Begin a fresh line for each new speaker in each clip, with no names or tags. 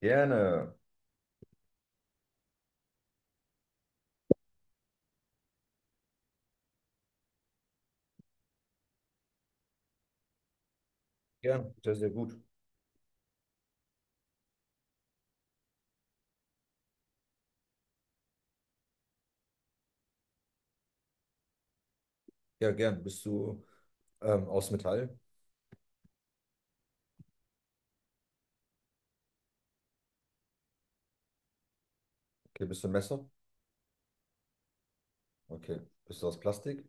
Gerne. Gern. Sehr, sehr gut. Ja, gern. Bist du aus Metall? Okay, bist du ein Messer? Okay. Bist du aus Plastik?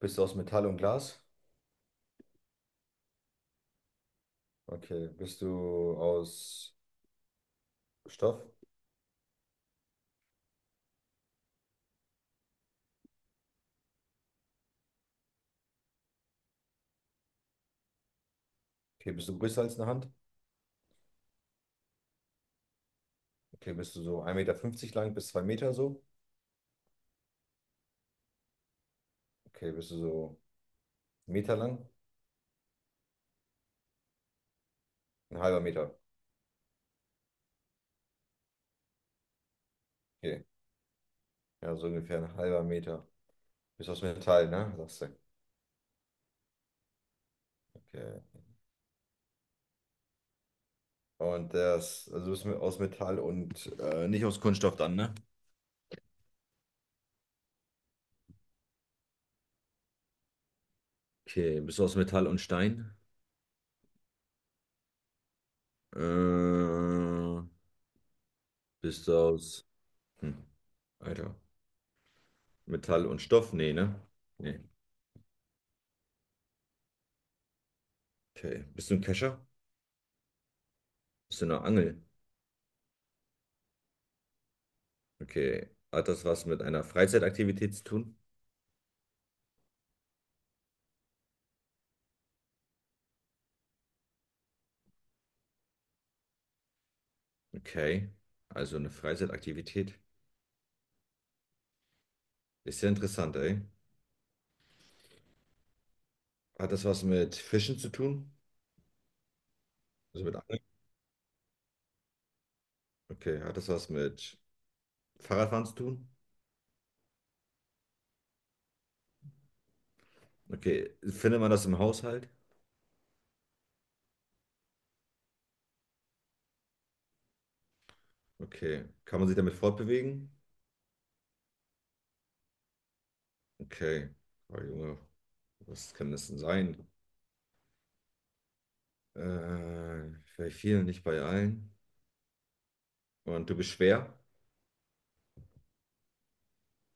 Bist du aus Metall und Glas? Okay. Bist du aus Stoff? Okay, bist du größer als eine Hand? Okay, bist du so 1,50 m lang bis 2 m so? Okay, bist du so 1 m lang? Ein halber Meter. Okay. Ja, so ungefähr ein halber Meter. Bist aus Metall, ne? Sagst du. Okay. Und das, also bist du aus Metall und nicht aus Kunststoff dann, ne? Okay, bist du aus Metall und Stein? Äh, Bist du aus, hm, Alter, Metall und Stoff? Nee, ne? Nee. Okay. Bist du ein Kescher? Bist du eine Angel? Okay. Hat das was mit einer Freizeitaktivität zu tun? Okay. Also eine Freizeitaktivität. Ist ja interessant, ey. Hat das was mit Fischen zu tun? Also mit Angeln? Okay. Hat das was mit Fahrradfahren zu tun? Okay. Findet man das im Haushalt? Okay. Kann man sich damit fortbewegen? Okay. Oh, Junge, was kann das denn sein? Äh, bei vielen, nicht bei allen. Und du bist schwer.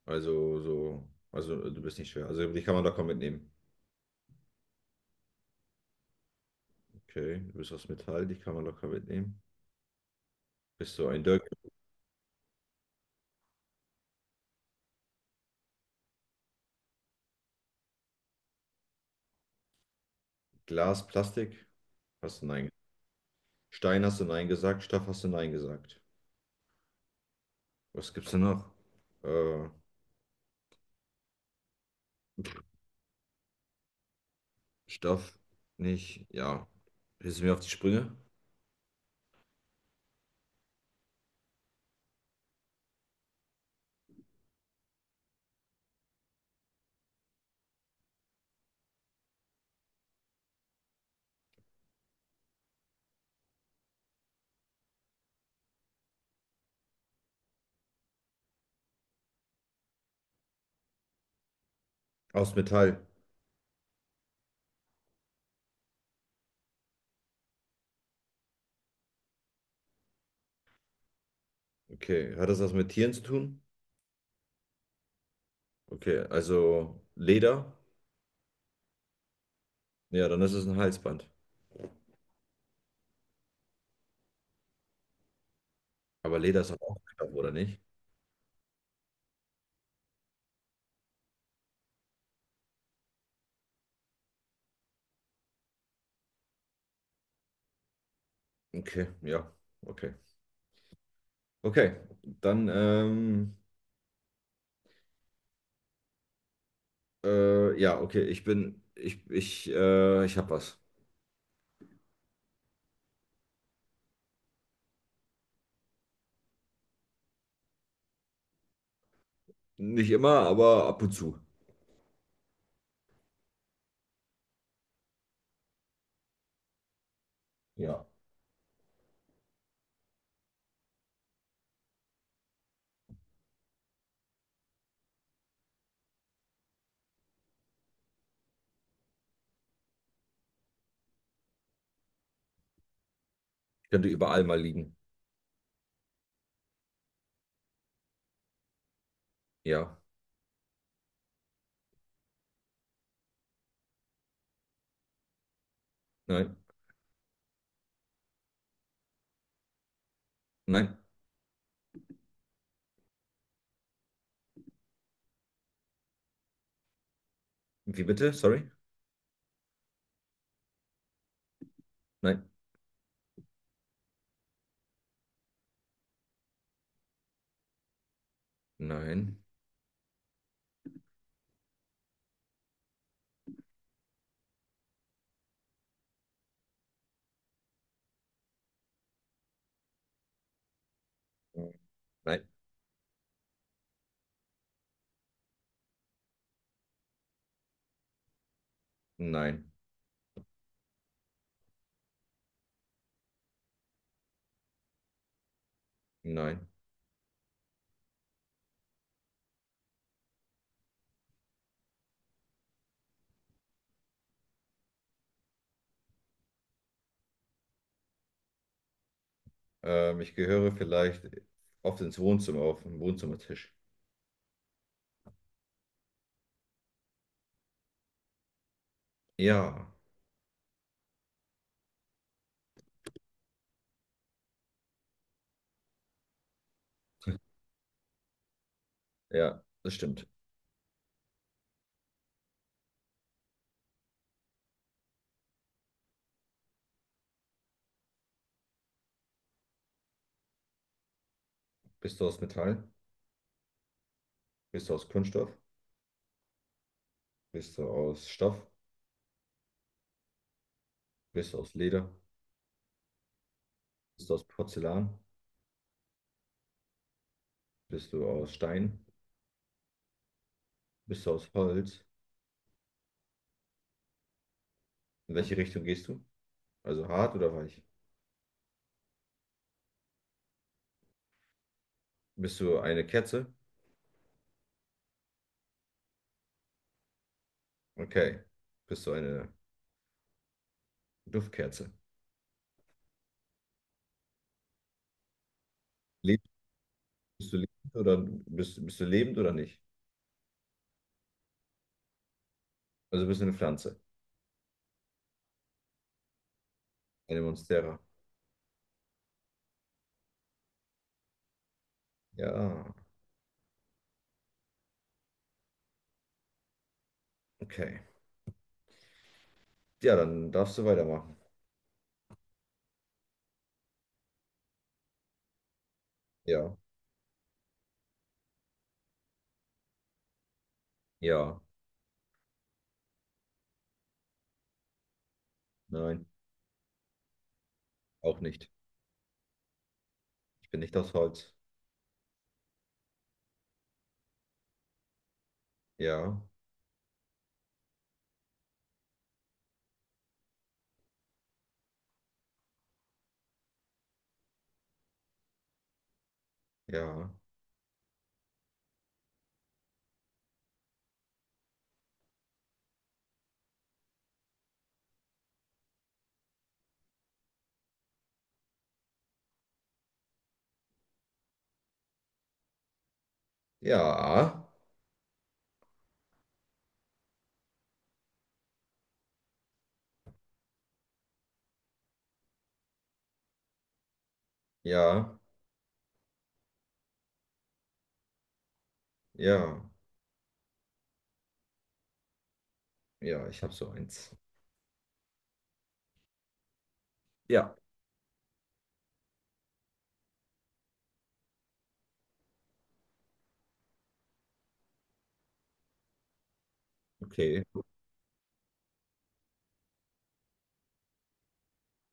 Also so, also du bist nicht schwer. Also die kann man locker mitnehmen. Okay, du bist aus Metall, die kann man locker mitnehmen. Bist du ein Dirk? Glas, Plastik? Hast du nein. Stein hast du nein gesagt, Stoff hast du nein gesagt. Was gibt's denn noch? Äh, Stoff nicht. Ja. Hilfst du mir auf die Sprünge? Aus Metall. Okay. Hat das was mit Tieren zu tun? Okay, also Leder? Ja, dann ist es ein Halsband. Aber Leder ist doch auch Stoff, oder nicht? Okay, ja, okay. Okay, dann, ja, okay, ich bin, ich, ich hab was. Nicht immer, aber ab und zu. Ja. Könnte überall mal liegen. Ja. Nein. Nein. Wie bitte? Sorry? Nein. Nein. Nein. Nein. Nein. Ich gehöre vielleicht oft ins Wohnzimmer, auf den Wohnzimmertisch. Ja. Ja, das stimmt. Bist du aus Metall? Bist du aus Kunststoff? Bist du aus Stoff? Bist du aus Leder? Bist du aus Porzellan? Bist du aus Stein? Bist du aus Holz? In welche Richtung gehst du? Also hart oder weich? Bist du eine Kerze? Okay. Bist du eine Duftkerze? Lebst, bist du lebend oder bist du lebend oder nicht? Also bist du eine Pflanze, eine Monstera. Ja, okay. Ja, dann darfst du weitermachen. Ja, ja, nein, auch nicht. Ich bin nicht aus Holz. Ja, ja, ja, ja, ja, ja. Ich habe so eins. Ja. Okay.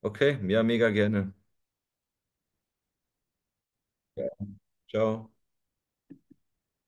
Okay, ja, mega gerne. Ja. Ciao.